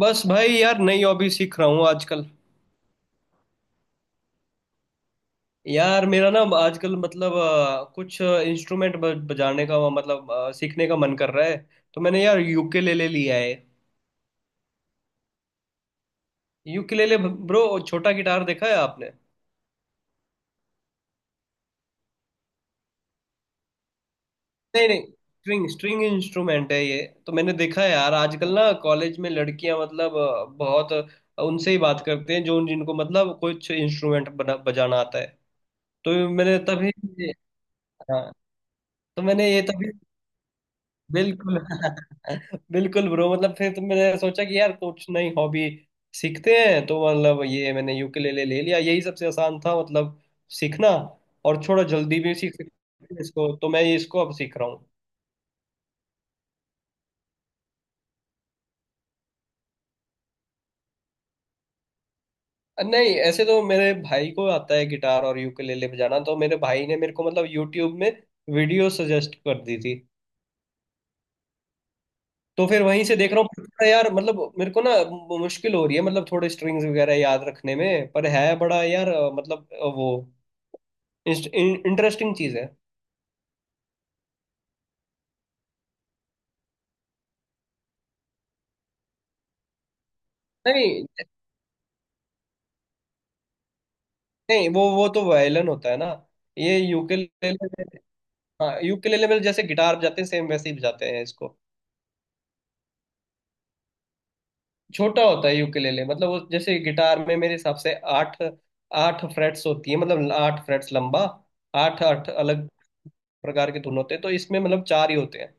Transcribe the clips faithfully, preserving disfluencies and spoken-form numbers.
बस भाई यार नई हॉबी सीख रहा हूँ आजकल। यार मेरा ना आजकल मतलब अ, कुछ इंस्ट्रूमेंट बजाने का अ, मतलब अ, सीखने का मन कर रहा है। तो मैंने यार यूकेलेले लिया है। Ukulele bro. छोटा गिटार देखा है आपने? नहीं नहीं। स्ट्रिंग स्ट्रिंग इंस्ट्रूमेंट है ये। तो मैंने देखा है यार, आजकल ना कॉलेज में लड़कियां मतलब अ, बहुत अ, उनसे ही बात करते हैं जो जिनको मतलब कुछ इंस्ट्रूमेंट बना बजाना आता है। तो मैंने तभी। हाँ। तो मैंने ये तभी। बिल्कुल बिल्कुल ब्रो। मतलब फिर तो मैंने सोचा कि यार कुछ नई हॉबी सीखते हैं, तो मतलब ये मैंने यूकेलेले ले लिया। यही सबसे आसान था मतलब सीखना। और थोड़ा जल्दी भी सीख सकते हैं इसको, तो मैं इसको अब सीख रहा हूँ। नहीं, ऐसे तो मेरे भाई को आता है गिटार और यूकेलेले बजाना, तो मेरे भाई ने मेरे को मतलब यूट्यूब में वीडियो सजेस्ट कर दी थी। तो फिर वहीं से देख रहा हूँ, पर थोड़ा यार मतलब मेरे को ना मुश्किल हो रही है मतलब थोड़े स्ट्रिंग्स वगैरह याद रखने में। पर है बड़ा यार मतलब वो इंटरेस्टिंग चीज है। नहीं नहीं, वो वो तो वायलिन होता है ना। ये यूकेलेले में, हाँ, यूकेलेले में जैसे गिटार बजाते हैं सेम वैसे ही बजाते हैं इसको। छोटा होता है यूकेलेले। मतलब वो जैसे गिटार में मेरे हिसाब से आठ आठ फ्रेट्स होती है, मतलब आठ फ्रेट्स लंबा, आठ आठ अलग प्रकार के धुन होते हैं। तो इसमें मतलब चार ही होते हैं।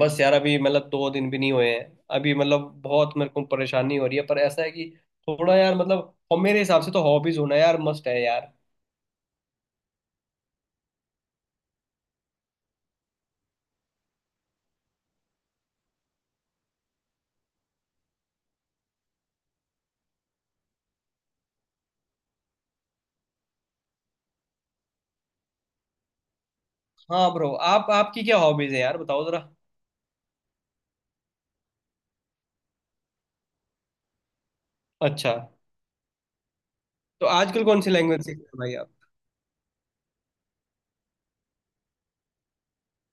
बस यार अभी मतलब दो दिन भी नहीं हुए हैं। अभी मतलब बहुत मेरे को परेशानी हो रही है, पर ऐसा है कि थोड़ा यार मतलब, और मेरे हिसाब से तो हॉबीज होना यार मस्ट है यार। हाँ ब्रो, आप आपकी क्या हॉबीज है यार, बताओ जरा। अच्छा, तो आजकल कौन सी लैंग्वेज सीख रहे हो भाई आप?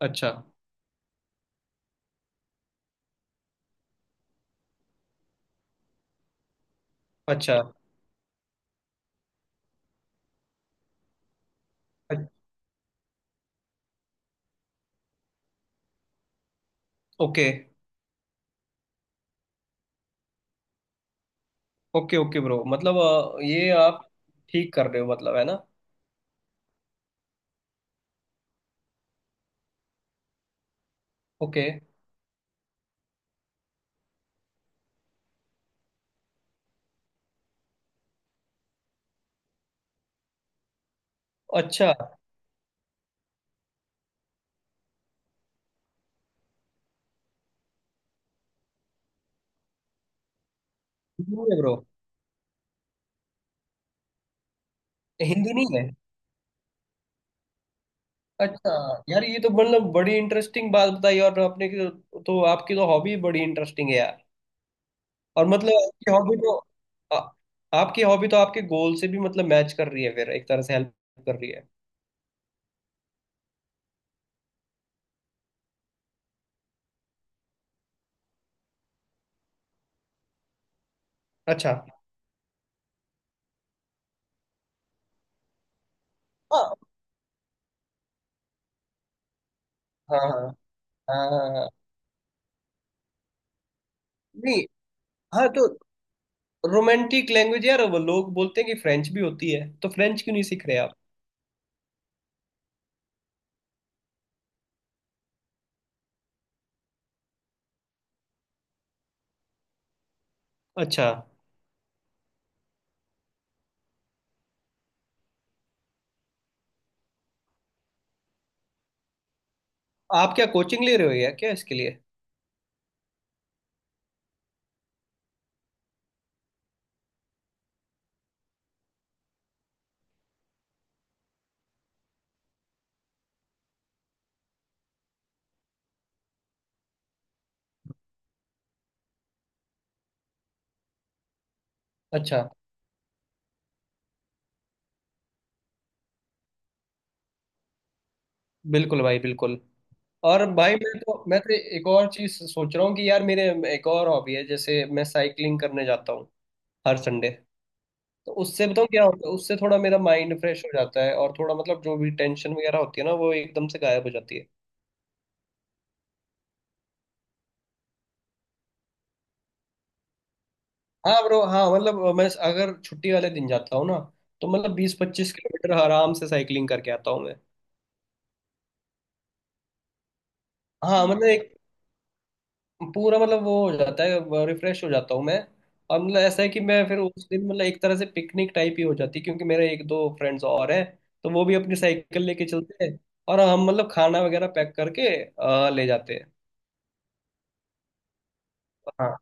अच्छा अच्छा। ओके ओके ओके ब्रो, मतलब अ, ये आप ठीक कर रहे हो मतलब, है ना? ओके। अच्छा। हिंदी है ब्रो। हिंदी नहीं है। अच्छा। यार ये तो मतलब बड़ी इंटरेस्टिंग बात बताई और आपने की तो, तो आपकी तो हॉबी बड़ी इंटरेस्टिंग है यार। और मतलब आपकी हॉबी तो आ, आपकी हॉबी तो आपके गोल से भी मतलब मैच कर रही है, फिर एक तरह से हेल्प कर रही है। अच्छा। हाँ हाँ हाँ हाँ। नहीं। हाँ तो, रोमांटिक लैंग्वेज यार, वो लोग बोलते हैं कि फ्रेंच भी होती है, तो फ्रेंच क्यों नहीं सीख रहे आप? अच्छा। आप क्या कोचिंग ले रहे हो या क्या इसके लिए? अच्छा। बिल्कुल भाई बिल्कुल। और भाई मैं तो मैं तो एक और चीज सोच रहा हूँ कि यार, मेरे एक और हॉबी है, जैसे मैं साइकिलिंग करने जाता हूँ हर संडे। तो उससे बताऊँ क्या होता है, उससे थोड़ा मेरा माइंड फ्रेश हो जाता है, और थोड़ा मतलब जो भी टेंशन वगैरह होती है ना, वो एकदम से गायब हो जाती है। हाँ ब्रो, हाँ मतलब मैं अगर छुट्टी वाले दिन जाता हूँ ना, तो मतलब बीस पच्चीस किलोमीटर आराम से साइकिलिंग करके आता हूँ मैं। हाँ मतलब एक पूरा मतलब वो हो जाता है, रिफ्रेश हो जाता हूँ मैं। और मतलब ऐसा है कि मैं फिर उस दिन मतलब एक तरह से पिकनिक टाइप ही हो जाती है, क्योंकि मेरे एक दो फ्रेंड्स और हैं। तो वो भी अपनी साइकिल लेके चलते हैं, और हम मतलब खाना वगैरह पैक करके अ, ले जाते हैं। हाँ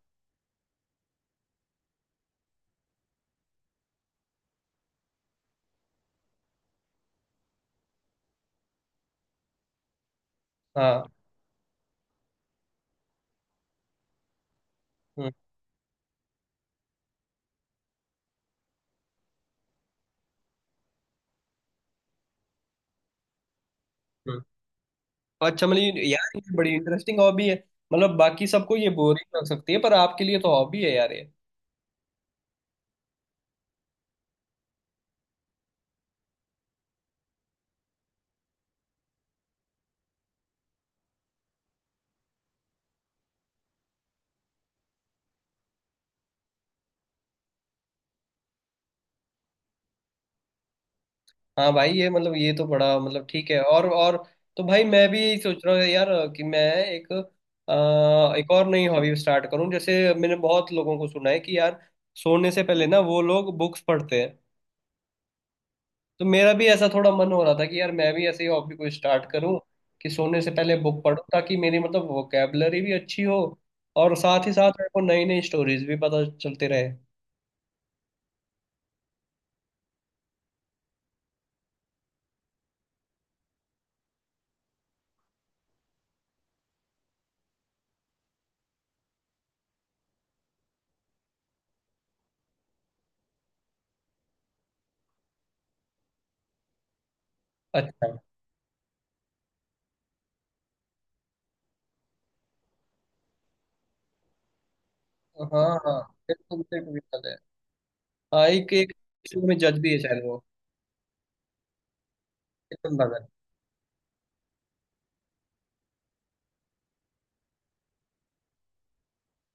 हाँ। हम्म, हम्म। अच्छा मतलब ये- यार ये बड़ी इंटरेस्टिंग हॉबी है, मतलब बाकी सबको ये बोरिंग लग सकती है, पर आपके लिए तो हॉबी है यार ये। हाँ भाई, ये मतलब ये तो बड़ा मतलब ठीक है। और और तो भाई मैं भी यही सोच रहा हूँ यार, कि मैं एक अ, एक और नई हॉबी स्टार्ट करूँ, जैसे मैंने बहुत लोगों को सुना है कि यार सोने से पहले ना वो लोग बुक्स पढ़ते हैं। तो मेरा भी ऐसा थोड़ा मन हो रहा था कि यार मैं भी ऐसे ही हॉबी को स्टार्ट करूँ, कि सोने से पहले बुक पढूं, ताकि मेरी मतलब वोकेबलरी भी अच्छी हो, और साथ ही साथ मेरे को नई नई स्टोरीज भी पता चलते रहे। अच्छा। हाँ हाँ। बिल्कुल बिल्कुल बिल्कुल है। हाँ एक एक में जज भी है शायद वो। एकदम भगत।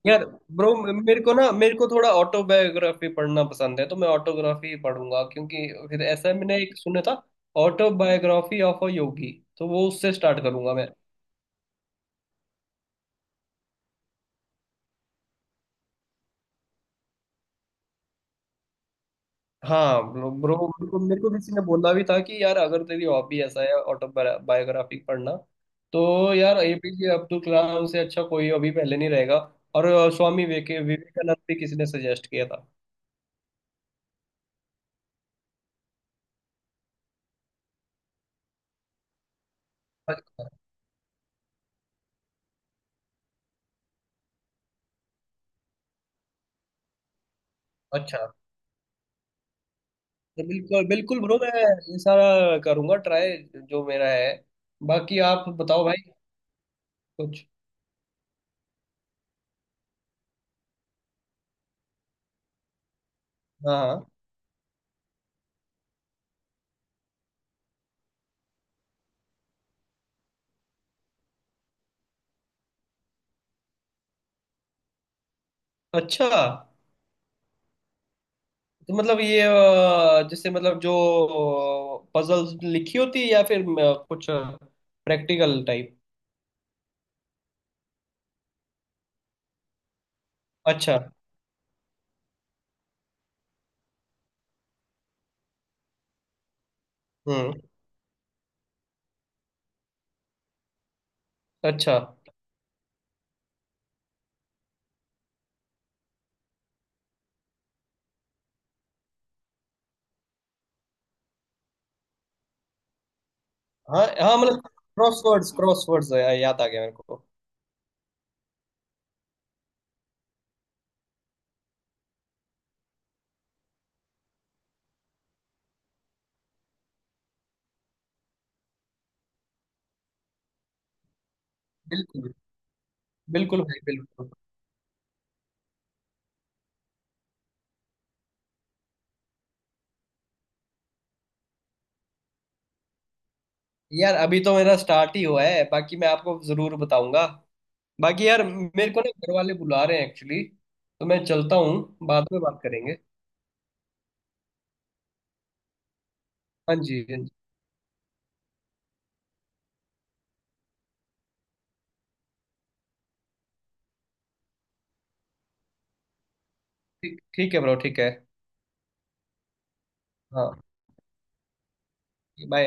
यार ब्रो, मेरे को ना मेरे को थोड़ा ऑटोबायोग्राफी पढ़ना पसंद है, तो मैं ऑटोग्राफी ही पढ़ूंगा। क्योंकि फिर ऐसा मैंने एक सुना था, ऑटोबायोग्राफी ऑफ अ योगी, तो वो उससे स्टार्ट करूंगा मैं। हाँ ब्रो ब्रो, मेरे को मेरे को किसी ने बोला भी था कि यार अगर तेरी हॉबी ऐसा है ऑटोबायोग्राफी पढ़ना, तो यार ए पी जे अब्दुल कलाम से अच्छा कोई अभी पहले नहीं रहेगा। और अ, स्वामी विवेके- विवेकानंद भी किसी ने सजेस्ट किया था। अच्छा। तो बिल्कुल बिल्कुल ब्रो, मैं ये सारा करूंगा ट्राई, जो मेरा है। बाकी आप बताओ भाई कुछ। हाँ हाँ। अच्छा, तो मतलब ये अ, जैसे मतलब जो पजल्स लिखी होती है, या फिर अ, कुछ प्रैक्टिकल टाइप? अच्छा। हम्म। अच्छा। हाँ हाँ, मतलब क्रॉसवर्ड्स क्रॉसवर्ड्स, याद आ गया मेरे को। बिल्कुल बिल्कुल भाई बिल्कुल। यार अभी तो मेरा स्टार्ट ही हुआ है, बाकी मैं आपको जरूर बताऊंगा। बाकी यार मेरे को ना घर वाले बुला रहे हैं एक्चुअली, तो मैं चलता हूँ, बाद में बात करेंगे। हाँ जी। हाँ जी। ठीक ठीक है ब्रो। ठीक है। हाँ। बाय।